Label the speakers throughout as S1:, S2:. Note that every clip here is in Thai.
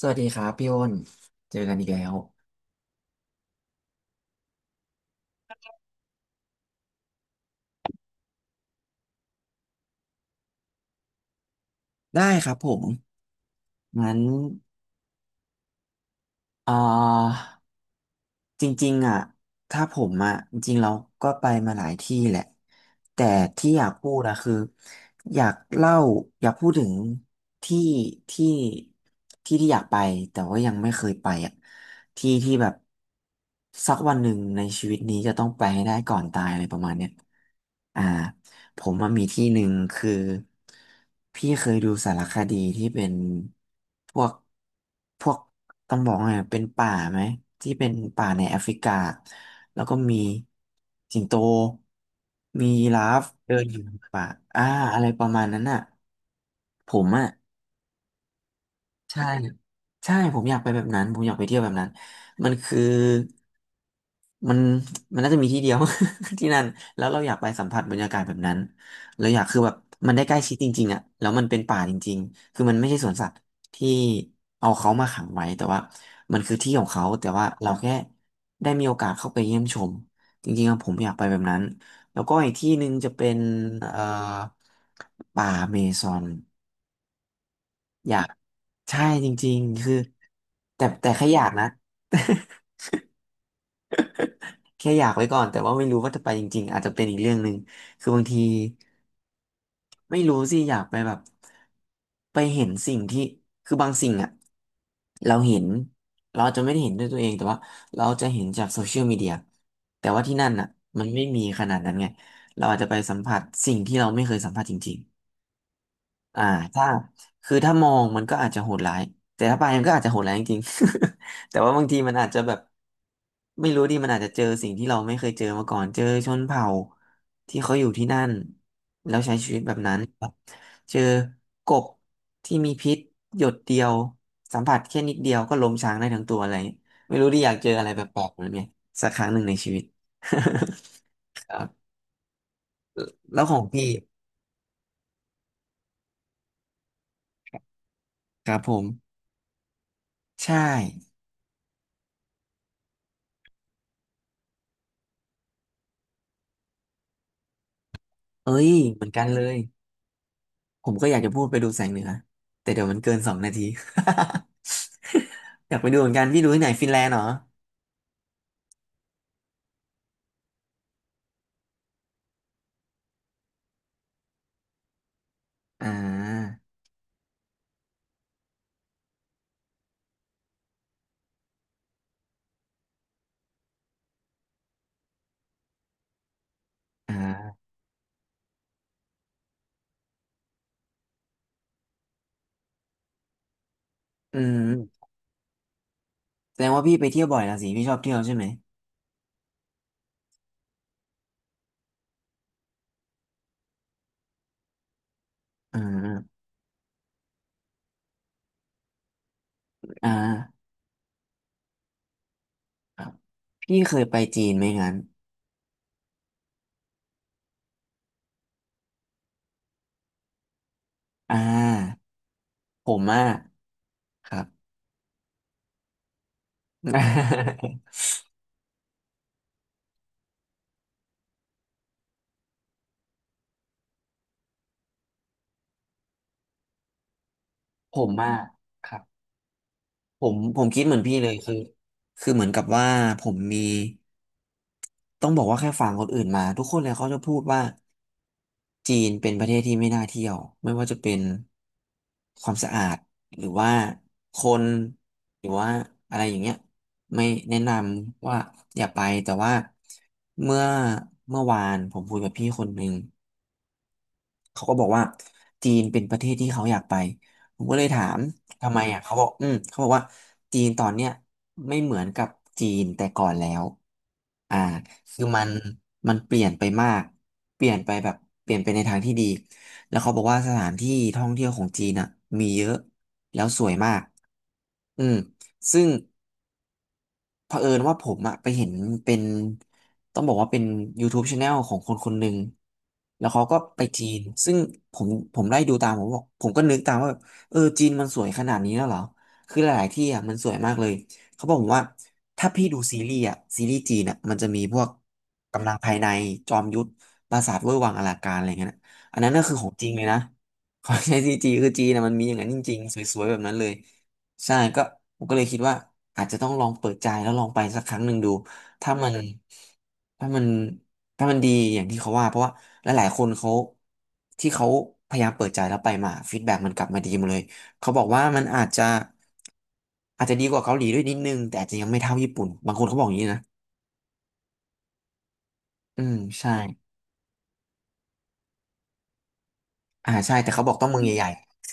S1: สวัสดีครับพี่อ้นเจอกันอีกแล้ว ได้ครับผมงั้นเอ่อจริงๆอ่ะถ้าผมอ่ะจริงๆเราก็ไปมาหลายที่แหละ แต่ที่อยากพูดอะคืออยากเล่าอยากพูดถึงที่ที่ที่ที่อยากไปแต่ว่ายังไม่เคยไปอ่ะที่ที่แบบสักวันหนึ่งในชีวิตนี้จะต้องไปให้ได้ก่อนตายอะไรประมาณเนี้ยอ่า ผมว่ามีที่หนึ่งคือพี่เคยดูสารคดีที่เป็นพวกพวกต้องบอกว่าไงเป็นป่าไหมที่เป็นป่าในแอฟริกาแล้วก็มีสิงโตมียีราฟเดินอยู่ในป่าอ่าอะไรประมาณนั้นน่ะผมอ่ะ ใช่ใช่ผมอยากไปแบบนั้นผมอยากไปเที่ยวแบบนั้นมันคือมันมันน่าจะมีที่เดียว ที่นั่นแล้วเราอยากไปสัมผัสบรรยากาศแบบนั้นเราอยากคือแบบมันได้ใกล้ชิดจริงๆอ่ะแล้วมันเป็นป่าจริงๆคือมันไม่ใช่สวนสัตว์ที่เอาเขามาขังไว้แต่ว่ามันคือที่ของเขาแต่ว่าเราแค่ได้มีโอกาสเข้าไปเยี่ยมชมจริงๆอะผมอยากไปแบบนั้นแล้วก็อีกที่หนึ่งจะเป็นเอ่อป่าเมซอน อยากใช่จริงๆคือแต่แค่อยากนะ แค่อยากไว้ก่อนแต่ว่าไม่รู้ว่าจะไปจริงๆอาจจะเป็นอีกเรื่องหนึ่งคือบางทีไม่รู้สิอยากไปแบบไปเห็นสิ่งที่คือบางสิ่งอะเราเห็นเราอาจจะไม่ได้เห็นด้วยตัวเองแต่ว่าเราจะเห็นจากโซเชียลมีเดียแต่ว่าที่นั่นอะมันไม่มีขนาดนั้นไงเราอาจจะไปสัมผัสสิ่งที่เราไม่เคยสัมผัสจริงๆ อ่าถ้าคือถ้ามองมันก็อาจจะโหดร้ายแต่ถ้าไปมันก็อาจจะโหดร้ายจริงๆ แต่ว่าบางทีมันอาจจะแบบไม่รู้ดิมันอาจจะเจอสิ่งที่เราไม่เคยเจอมาก่อนเจอชนเผ่าที่เขาอยู่ที่นั่นแล้วใช้ชีวิตแบบนั้นเจอกบที่มีพิษหยดเดียวสัมผัสแค่นิดเดียวก็ล้มช้างได้ทั้งตัวอะไรอย่างเงี้ยไม่รู้ดิอยากเจออะไรแปลกๆแบบนี้สักครั้งหนึ่งในชีวิต ครับแล้วของพี่ครับผมใช่เอ้ยเหมือนกันเลย ผมก็อยากจะพูดไปดูแสงเหนือแต่เดี๋ยวมันเกินสองนาที อยากไปดูเหมือนกันพี่ดูที่ไหนฟินแลนด์เหรออ่าอ่าอืมแสดงว่าพี่ไปเที่ยวบ่อยละสิพี่ชอบเที่ยวใช่ไหมอ่าอ่าครับพี่เคยไปจีนไหมงั้นอ่าผมอ่ะครับ ผมอ่ะครับ ผมคิดเหมือนพี่เลยคือคือเหมือนกับว่าผมมีต้องบอกว่าแค่ฟังคนอื่นมาทุกคนเลยเขาจะพูดว่าจีนเป็นประเทศที่ไม่น่าเที่ยวไม่ว่าจะเป็นความสะอาดหรือว่าคนหรือว่าอะไรอย่างเงี้ยไม่แนะนำว่าอย่าไปแต่ว่าเมื่อเมื่อวานผมคุยกับพี่คนหนึ่ง เขาก็บอกว่าจีนเป็นประเทศที่เขาอยากไปผมก็เลยถามทำไมอ่ะเขาบอกอืมเขาบอกว่าจีนตอนเนี้ยไม่เหมือนกับจีนแต่ก่อนแล้วอ่าคือมันเปลี่ยนไปมากเปลี่ยนไปแบบเปลี่ยนไปในทางที่ดีแล้วเขาบอกว่าสถานที่ท่องเที่ยวของจีนอ่ะมีเยอะแล้วสวยมากอืมซึ่ง เผอิญว่าผมอะไปเห็นเป็นต้องบอกว่าเป็น YouTube Channel ของคนคนหนึ่งแล้วเขาก็ไปจีนซึ่งผมผมไล่ดูตามผมบอกผมก็นึกตามว่าแบบเออจีนมันสวยขนาดนี้แล้วเหรอคือหลายๆที่อะมันสวยมากเลยเขาบอกผมว่าถ้าพี่ดูซีรีส์อะซีรีส์จีนอะมันจะมีพวกกำลังภายในจอมยุทธปราสาทเว่ยหวังอลังการอะไรเงี้ยนะอันนั้นก็คือของจริงเลยนะ ขอใช้ซีจีคือจีนอะมันมีอย่างนั้นจริงๆสวยๆแบบนั้นเลย ใช่ก็ผมก็เลยคิดว่าอาจจะต้องลองเปิดใจแล้วลองไปสักครั้งหนึ่งดูถ้ามันถ้ามันถ้ามันดีอย่างที่เขาว่าเพราะว่าหลายๆคนเขาที่เขาพยายามเปิดใจแล้วไปมาฟีดแบ็กมันกลับมาดีหมดเลยเขาบอกว่ามันอาจจะอาจจะดีกว่าเกาหลีด้วยนิดนึงแต่อาจจะยังไม่เท่าญี่ปุ่นบางคนเขาบอกอย่างนี้นะอืมใช่ใช่แต่เขาบอกต้องเมืองใหญ่ๆ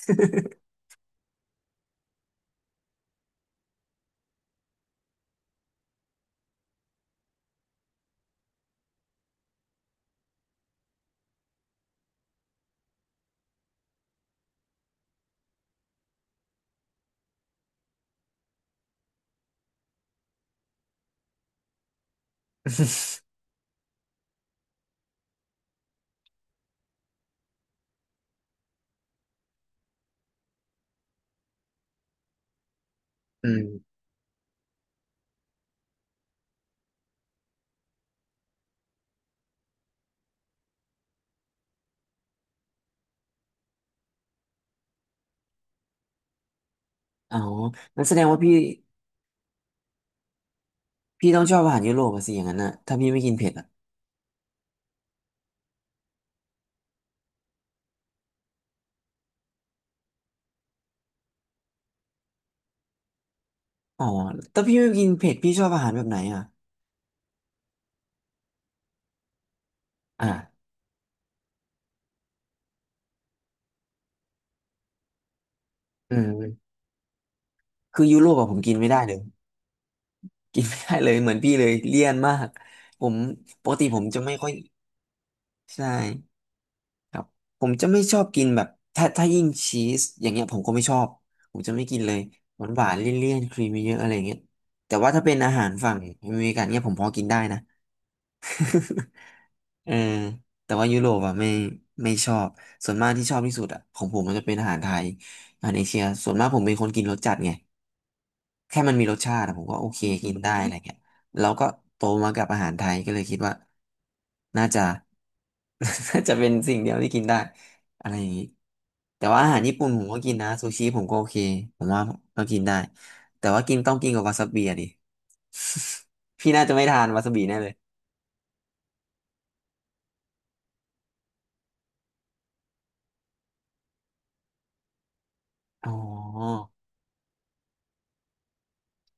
S1: อืมอ๋องั้นแสดงว่าพี่ต้องชอบอาหารยุโรปอะสิอย่างนั้นนะถ้าพี่ไม่กินเผ็ดอะ อ๋อแต่พี่ไม่กินเผ็ดพี่ชอบอาหารแบบไหนอ่ะอ่าอืมคือยุโรปอะผมกินไม่ได้เลยกินไม่ได้เลยเหมือนพี่เลยเลี่ยนมากผมปกติผมจะไม่ค่อยใช่ครับผมจะไม่ชอบกินแบบถ้ายิ่งชีสอย่างเงี้ยผมก็ไม่ชอบผมจะไม่กินเลยหวานหวานเลี่ยนๆครีมเยอะๆอะไรอย่างเงี้ยแต่ว่าถ้าเป็นอาหารฝั่งอเมริกันเนี่ยผมพอกินได้นะ เออแต่ว่ายุโรปอ่ะไม่ไม่ชอบส่วนมากที่ชอบที่สุดอ่ะของผมมันจะเป็นอาหารไทยอาหารเอเชียส่วนมากผมเป็นคนกินรสจัดไงแค่มันมีรสชาติอะผมก็โอเคกินได้อะไรเงี้ยแล้วก็โตมากับอาหารไทยก็เลยคิดว่าน่าจะ น่าจะเป็นสิ่งเดียวที่กินได้อะไรอย่างนี้แต่ว่าอาหารญี่ปุ่นผมก็กินนะซูชิผมก็โอเคผมว่าก็กินได้แต่ว่ากินต้องกินกับวาซาบิอะดิ พี่น่าจะไม่ทานวาซาบิแน่เลยอ๋อ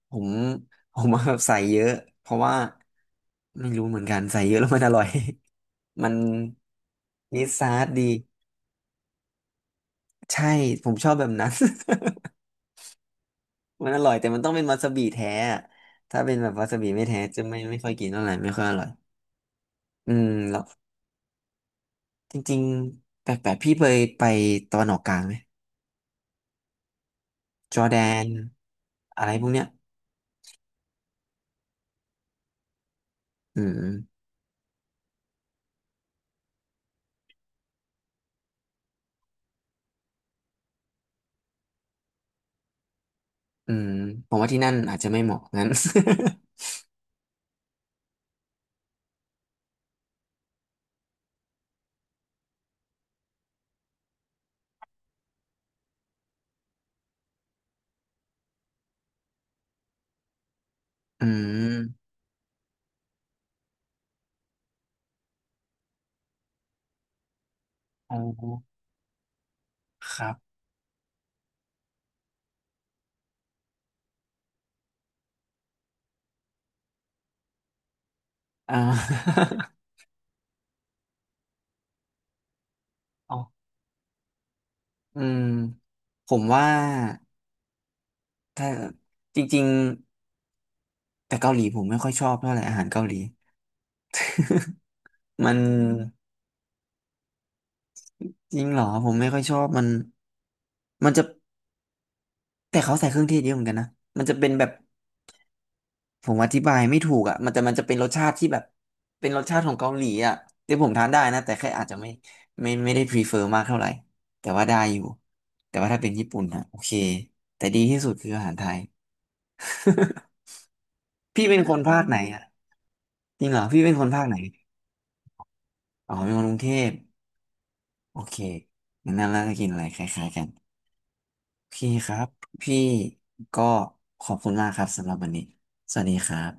S1: ผม ผมว่าแบบใส่เยอะเพราะว่าไม่รู้เหมือนกันใส่เยอะแล้วมันอร่อย มันมีซอสดีใช่ผมชอบแบบนั้น มันอร่อยแต่มันต้องเป็นวาซาบิแท้อะถ้าเป็นแบบวาซาบิไม่แท้จะไม่ค่อยกินเท่าไหร่ไม่ค่อยอร่อยอืมแล้วจริงๆแปลกๆพี่เคยไปตะวันออกกลางไหมจอร์แดนอะไรพวกเนี้ยอืมอืมผมว่าที่นั่นอาจจะไม่เหมาะงั้น อืมอ๋อครับ อ่า อ๋ออืมผมว่าถ้าจริงๆแต่เกาหลีผมไม่ค่อยชอบเท่าไหร่อาหารเกาหลีมันจริงเหรอผมไม่ค่อยชอบมันมันจะแต่เขาใส่เครื่องเทศเยอะเหมือนกันนะมันจะเป็นแบบผมอธิบายไม่ถูกอ่ะมันจะเป็นรสชาติที่แบบเป็นรสชาติของเกาหลีอ่ะที่ผมทานได้นะแต่แค่อาจจะไม่ไม่ได้ prefer มากเท่าไหร่แต่ว่าได้อยู่แต่ว่าถ้าเป็นญี่ปุ่นนะโอเคแต่ดีที่สุดคืออาหารไทย พี่เป็นคนภาคไหนอ่ะจริงเหรอพี่เป็นคนภาคไหนอ๋อเป็นคนกรุงเทพโอเคงั้นล่าจะกินอะไรคล้ายๆกันโอเคครับพี่ก็ขอบคุณมากครับสำหรับวันนี้สวัสดีครับ